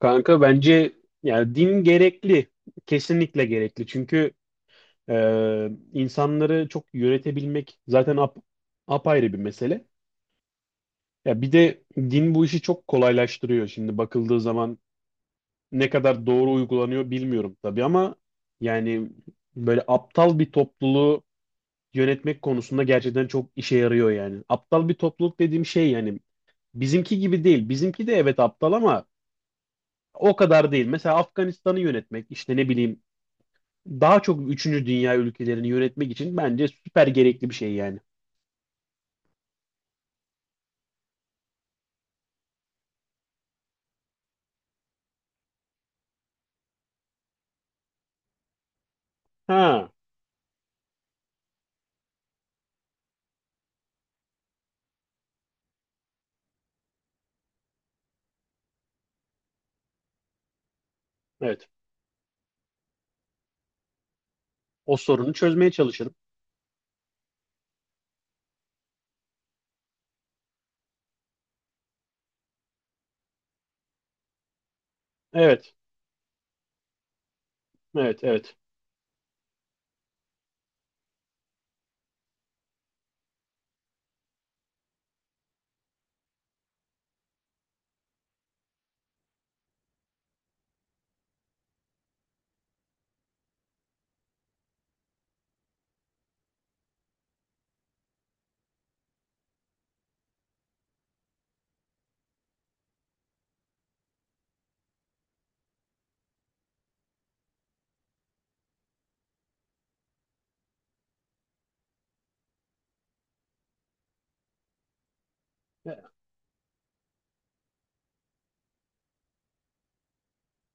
Kanka bence yani din gerekli. Kesinlikle gerekli. Çünkü insanları çok yönetebilmek zaten apayrı bir mesele. Ya bir de din bu işi çok kolaylaştırıyor. Şimdi bakıldığı zaman ne kadar doğru uygulanıyor bilmiyorum tabii ama yani böyle aptal bir topluluğu yönetmek konusunda gerçekten çok işe yarıyor yani. Aptal bir topluluk dediğim şey yani bizimki gibi değil. Bizimki de evet aptal ama o kadar değil. Mesela Afganistan'ı yönetmek, işte ne bileyim daha çok üçüncü dünya ülkelerini yönetmek için bence süper gerekli bir şey yani. Ha, evet. O sorunu çözmeye çalışırım. Evet, evet, evet.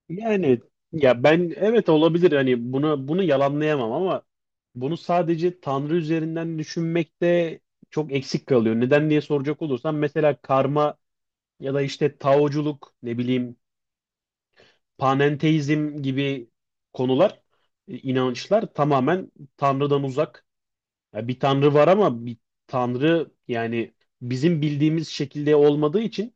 Yani ya ben evet olabilir hani bunu yalanlayamam ama bunu sadece Tanrı üzerinden düşünmekte çok eksik kalıyor. Neden diye soracak olursam mesela karma ya da işte taoculuk ne bileyim panenteizm gibi konular, inançlar tamamen Tanrı'dan uzak. Ya bir tanrı var ama bir tanrı yani bizim bildiğimiz şekilde olmadığı için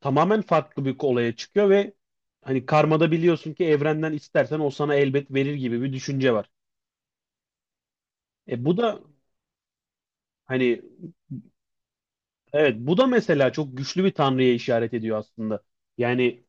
tamamen farklı bir olaya çıkıyor ve hani karmada biliyorsun ki evrenden istersen o sana elbet verir gibi bir düşünce var. E bu da hani evet, bu da mesela çok güçlü bir tanrıya işaret ediyor aslında. Yani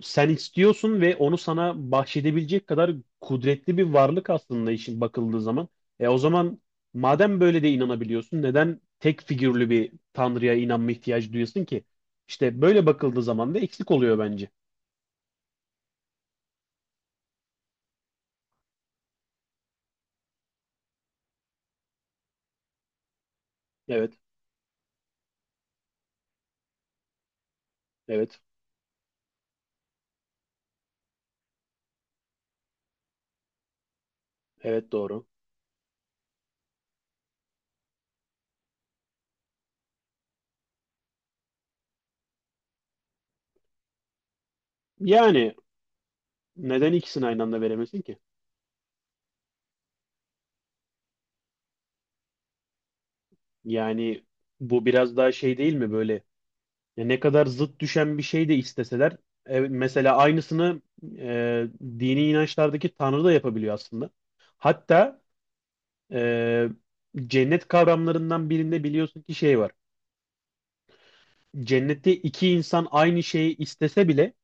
sen istiyorsun ve onu sana bahşedebilecek kadar kudretli bir varlık aslında işin bakıldığı zaman. E o zaman madem böyle de inanabiliyorsun neden tek figürlü bir tanrıya inanma ihtiyacı duyuyorsun ki? İşte böyle bakıldığı zaman da eksik oluyor bence. Evet, evet, evet doğru. Yani neden ikisini aynı anda veremesin ki? Yani bu biraz daha şey değil mi böyle? Ya ne kadar zıt düşen bir şey de isteseler, evet, mesela aynısını e, dini inançlardaki Tanrı da yapabiliyor aslında. Hatta e, cennet kavramlarından birinde biliyorsun ki şey var. Cennette iki insan aynı şeyi istese bile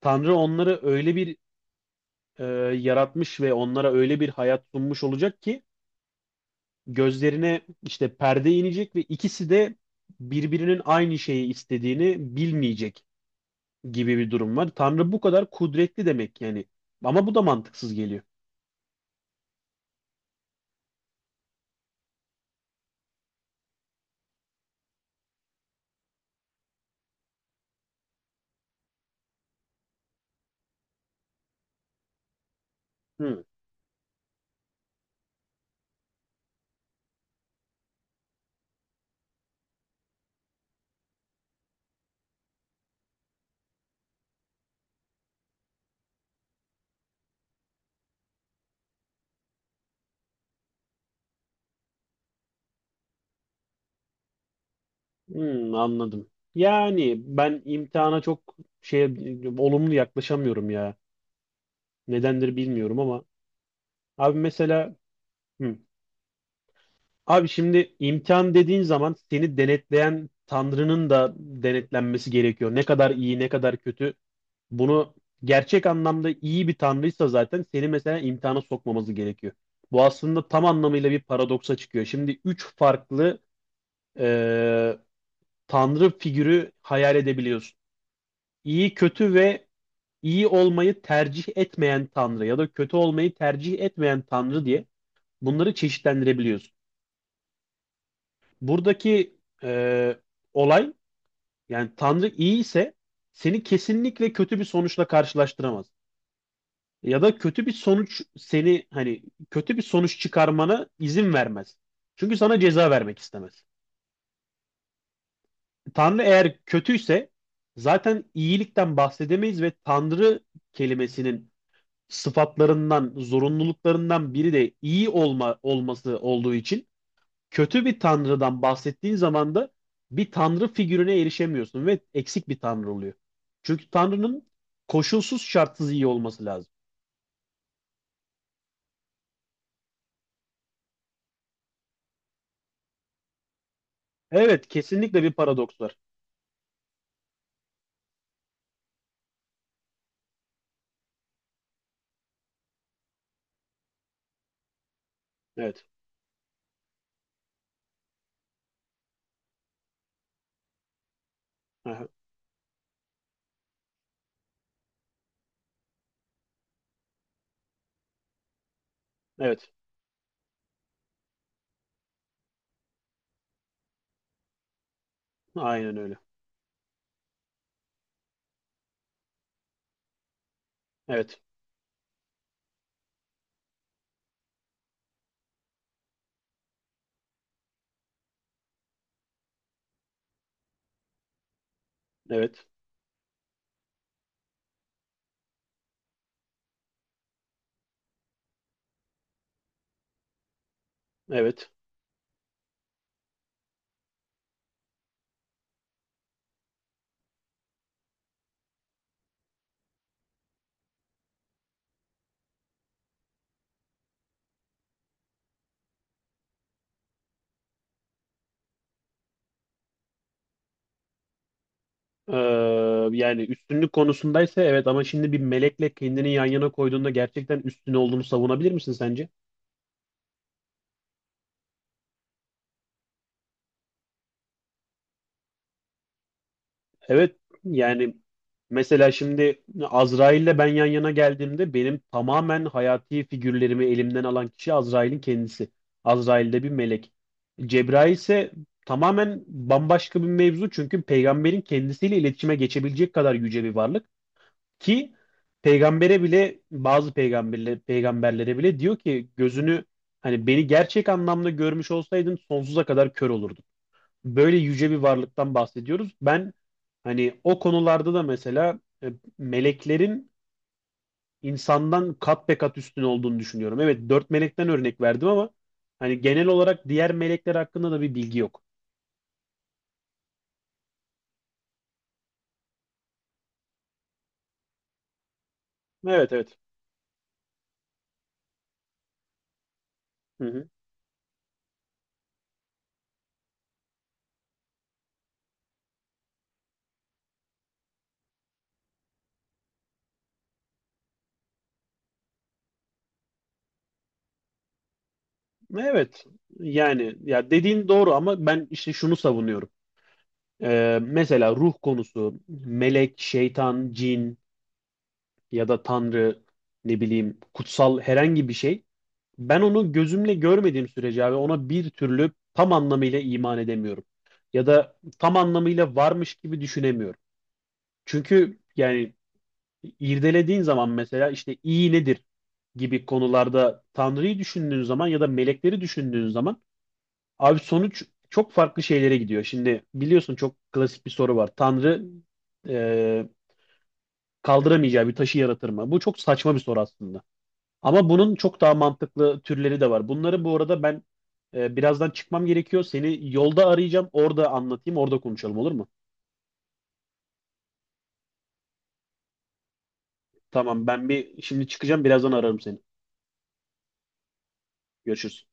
Tanrı onları öyle bir e, yaratmış ve onlara öyle bir hayat sunmuş olacak ki gözlerine işte perde inecek ve ikisi de birbirinin aynı şeyi istediğini bilmeyecek gibi bir durum var. Tanrı bu kadar kudretli demek yani. Ama bu da mantıksız geliyor. Hı, hı, anladım. Yani ben imtihana çok şey, olumlu yaklaşamıyorum ya. Nedendir bilmiyorum ama abi mesela hı. Abi şimdi imtihan dediğin zaman seni denetleyen Tanrı'nın da denetlenmesi gerekiyor. Ne kadar iyi, ne kadar kötü. Bunu gerçek anlamda iyi bir Tanrıysa zaten seni mesela imtihana sokmaması gerekiyor. Bu aslında tam anlamıyla bir paradoksa çıkıyor. Şimdi üç farklı e, tanrı figürü hayal edebiliyorsun. İyi, kötü ve iyi olmayı tercih etmeyen tanrı ya da kötü olmayı tercih etmeyen tanrı diye bunları çeşitlendirebiliyorsun. Buradaki e, olay, yani tanrı iyi ise seni kesinlikle kötü bir sonuçla karşılaştıramaz. Ya da kötü bir sonuç seni hani kötü bir sonuç çıkarmana izin vermez. Çünkü sana ceza vermek istemez. Tanrı eğer kötüyse zaten iyilikten bahsedemeyiz ve Tanrı kelimesinin sıfatlarından, zorunluluklarından biri de iyi olma olması olduğu için kötü bir Tanrı'dan bahsettiğin zaman da bir Tanrı figürüne erişemiyorsun ve eksik bir Tanrı oluyor. Çünkü Tanrı'nın koşulsuz şartsız iyi olması lazım. Evet, kesinlikle bir paradoks var. Evet. Aha. Evet. Aynen öyle. Evet. Evet. Evet. Ee, yani üstünlük konusundaysa evet ama şimdi bir melekle kendini yan yana koyduğunda gerçekten üstün olduğunu savunabilir misin sence? Evet yani mesela şimdi Azrail'le ben yan yana geldiğimde benim tamamen hayati figürlerimi elimden alan kişi Azrail'in kendisi. Azrail de bir melek. Cebrail ise tamamen bambaşka bir mevzu çünkü peygamberin kendisiyle iletişime geçebilecek kadar yüce bir varlık. Ki peygambere bile bazı peygamberlere bile diyor ki gözünü hani beni gerçek anlamda görmüş olsaydın sonsuza kadar kör olurdun. Böyle yüce bir varlıktan bahsediyoruz. Ben hani o konularda da mesela meleklerin insandan kat be kat üstün olduğunu düşünüyorum. Evet dört melekten örnek verdim ama hani genel olarak diğer melekler hakkında da bir bilgi yok. Evet, evet. Hı hı. Evet yani ya dediğin doğru ama ben işte şunu savunuyorum. Mesela ruh konusu, melek, şeytan, cin ya da tanrı, ne bileyim, kutsal herhangi bir şey. Ben onu gözümle görmediğim sürece abi ona bir türlü tam anlamıyla iman edemiyorum. Ya da tam anlamıyla varmış gibi düşünemiyorum. Çünkü yani irdelediğin zaman mesela işte iyi nedir gibi konularda tanrıyı düşündüğün zaman ya da melekleri düşündüğün zaman, abi sonuç çok farklı şeylere gidiyor. Şimdi biliyorsun çok klasik bir soru var. Tanrı e, kaldıramayacağı bir taşı yaratır mı? Bu çok saçma bir soru aslında. Ama bunun çok daha mantıklı türleri de var. Bunları bu arada ben birazdan çıkmam gerekiyor. Seni yolda arayacağım. Orada anlatayım, orada konuşalım olur mu? Tamam, ben bir şimdi çıkacağım. Birazdan ararım seni. Görüşürüz.